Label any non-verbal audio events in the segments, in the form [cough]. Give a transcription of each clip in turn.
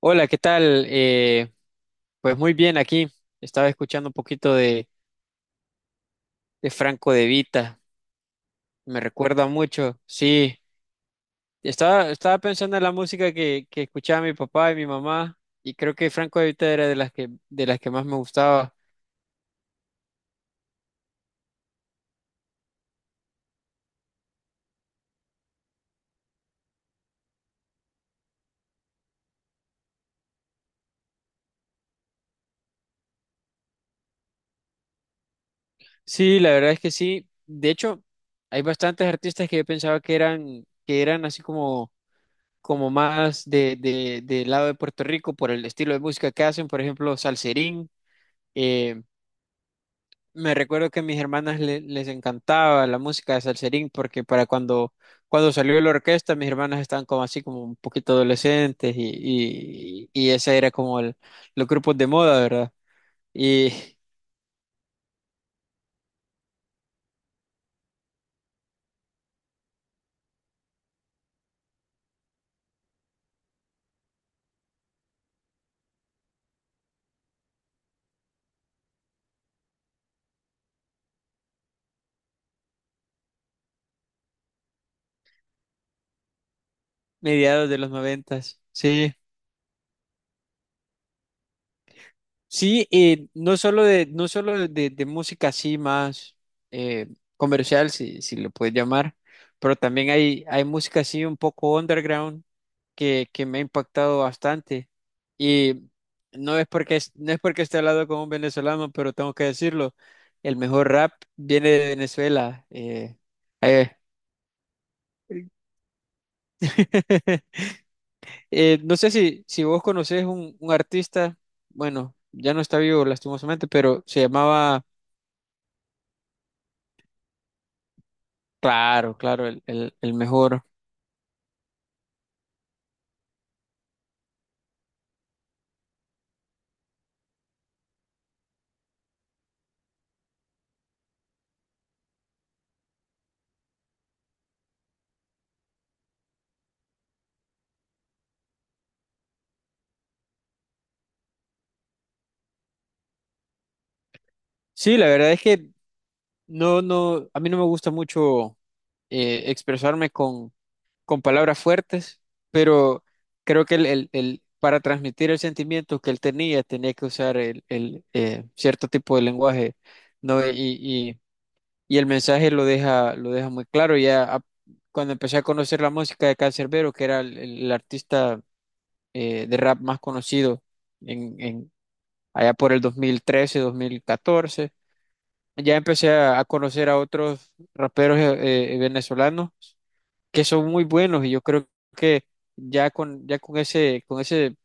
Hola, ¿qué tal? Pues muy bien aquí. Estaba escuchando un poquito de Franco De Vita. Me recuerda mucho. Sí, estaba pensando en la música que escuchaba mi papá y mi mamá, y creo que Franco De Vita era de las de las que más me gustaba. Sí, la verdad es que sí. De hecho, hay bastantes artistas que yo pensaba que que eran así como, como más del lado de Puerto Rico por el estilo de música que hacen. Por ejemplo, Salserín. eh, Me recuerdo que a mis hermanas les encantaba la música de Salserín porque para cuando salió la orquesta, mis hermanas estaban como así como un poquito adolescentes, y ese era como los grupos de moda, ¿verdad? Y [laughs] mediados de los noventas, sí. Sí, y no solo no solo de música así más eh, comercial, si lo puedes llamar, pero también hay música así un poco underground que me ha impactado bastante. Y no es porque, no es porque esté hablando con un venezolano, pero tengo que decirlo, el mejor rap viene de Venezuela. Eh. [laughs] No sé si vos conocés un artista, bueno, ya no está vivo lastimosamente, pero se llamaba... Claro, claro, el mejor. Sí, la verdad es que no, no, a mí no me gusta mucho expresarme con palabras fuertes, pero creo que para transmitir el sentimiento que él tenía, tenía que usar cierto tipo de lenguaje, ¿no? Y, y el mensaje lo deja muy claro. Cuando empecé a conocer la música de Canserbero, que era el artista de rap más conocido allá por el 2013, 2014. Ya empecé a conocer a otros raperos venezolanos que son muy buenos, y yo creo que ya con con ese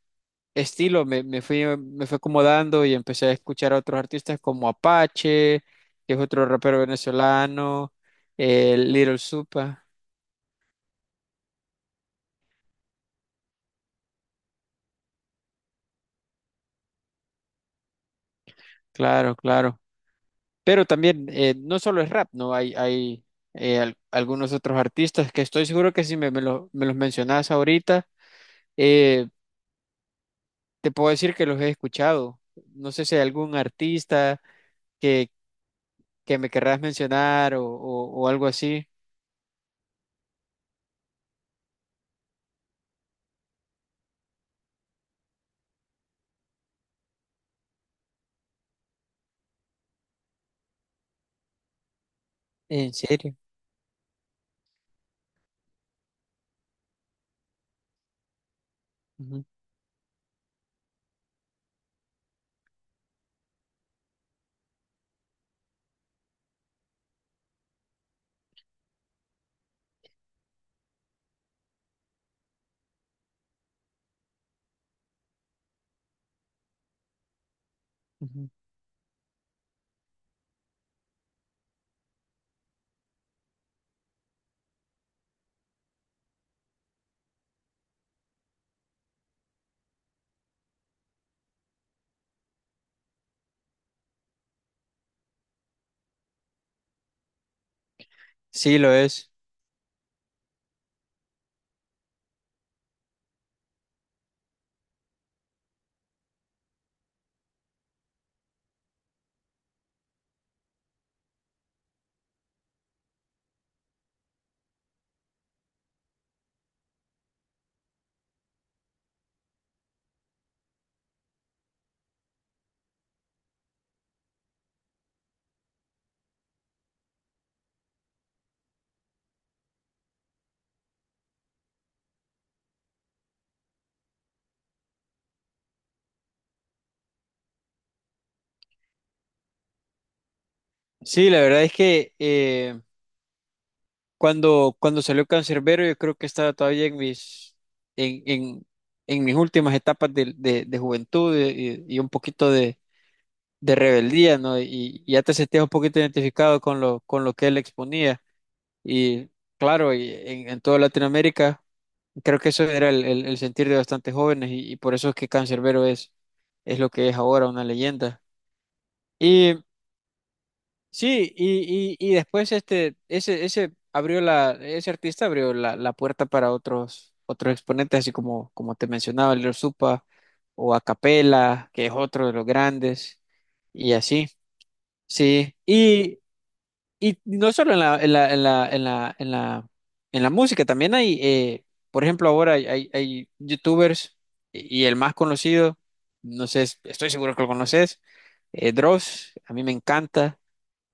estilo me fui acomodando, y empecé a escuchar a otros artistas como Apache, que es otro rapero venezolano, Little Supa, claro, claro. Pero también, no solo es rap, ¿no? Hay, algunos otros artistas que estoy seguro que si me los mencionas ahorita, Eh, te puedo decir que los he escuchado. No sé si hay algún artista que, que me querrás mencionar o algo así. ¿En serio? Ujú, ujú. Sí, lo es. Sí, la verdad es que cuando salió Cancerbero yo creo que estaba todavía en en, en, en mis últimas etapas de juventud, y un poquito de rebeldía, ¿no? Y ya te sentías un poquito identificado con con lo que él exponía. Y claro, y en toda Latinoamérica, creo que eso era el sentir de bastantes jóvenes, y por eso es que Cancerbero es lo que es ahora, una leyenda. Y sí, y después ese abrió la, ese artista abrió la, la puerta para otros, otros exponentes, así como, como te mencionaba, Lil Supa o Acapella, que es otro de los grandes, y así. Sí, y no solo en la, en la, en la, en la, en la, en la música, también hay, por ejemplo, ahora hay, hay youtubers, y el más conocido, no sé, estoy seguro que lo conoces, Dross, a mí me encanta.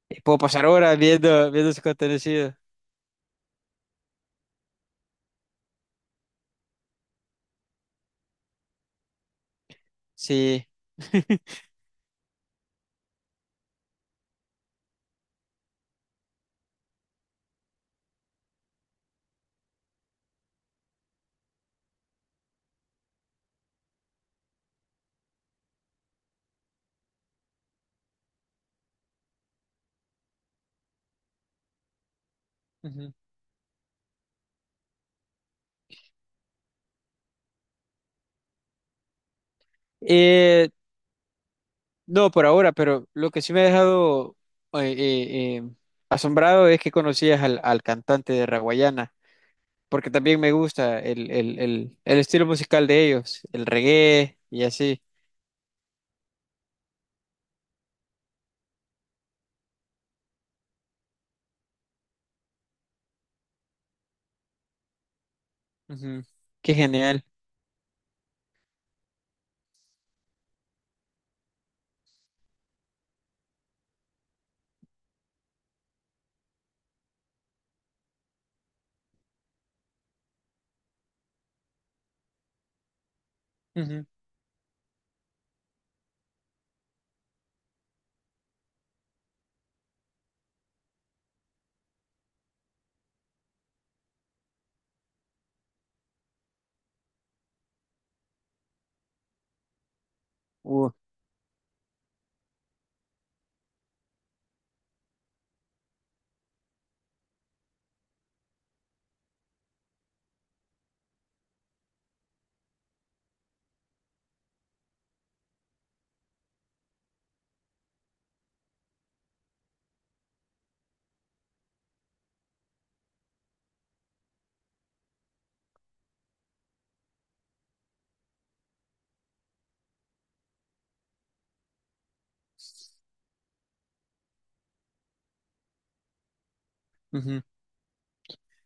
Puedo pasar horas viendo, viendo su contenido. Sí. [laughs] Ujú. Eh, no, por ahora, pero lo que sí me ha dejado eh, eh, eh, asombrado es que conocías al cantante de Raguayana, porque también me gusta el estilo musical de ellos, el reggae y así. Ujú. Qué genial. Ujú. Uh, ujú.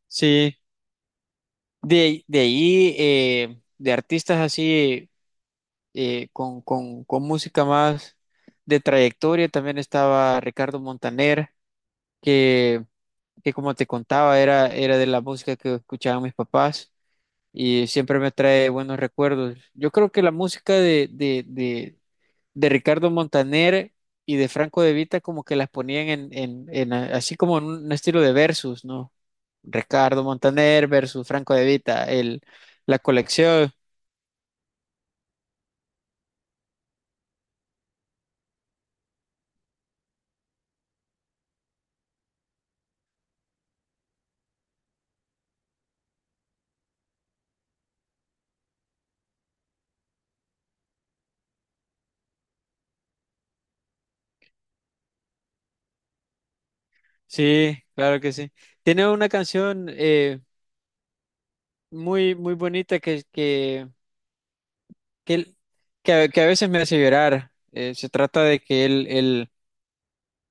Sí, de ahí, de artistas así, con música más de trayectoria, también estaba Ricardo Montaner, que, que como te contaba, era de la música que escuchaban mis papás, y siempre me trae buenos recuerdos. Yo creo que la música de Ricardo Montaner y de Franco De Vita, como que las ponían así como en un estilo de versus, ¿no? Ricardo Montaner versus Franco De Vita, el, la colección. Sí, claro que sí. Tiene una canción muy, muy bonita que, él- que a que a veces me hace llorar. Se trata de que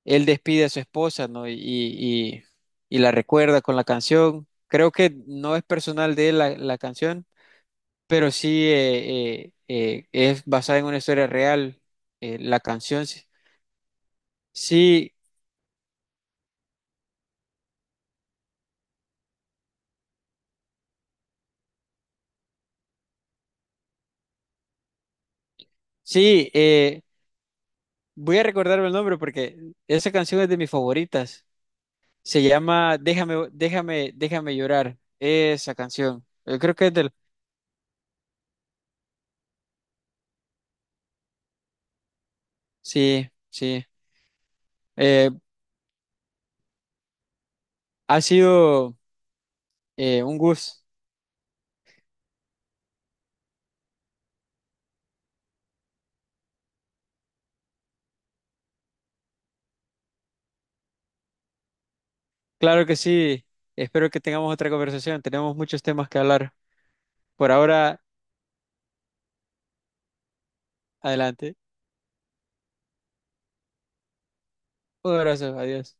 él despide a su esposa, ¿no? Y la recuerda con la canción. Creo que no es personal de él la la canción, pero sí, es basada en una historia real, la canción. Sí, sí, sí, voy a recordarme el nombre porque esa canción es de mis favoritas. Se llama Déjame, déjame, déjame llorar. Esa canción. Creo que es del... Sí, sí. Eh, ha sido un gusto. Claro que sí. Espero que tengamos otra conversación. Tenemos muchos temas que hablar. Por ahora, adelante. Un abrazo. Adiós.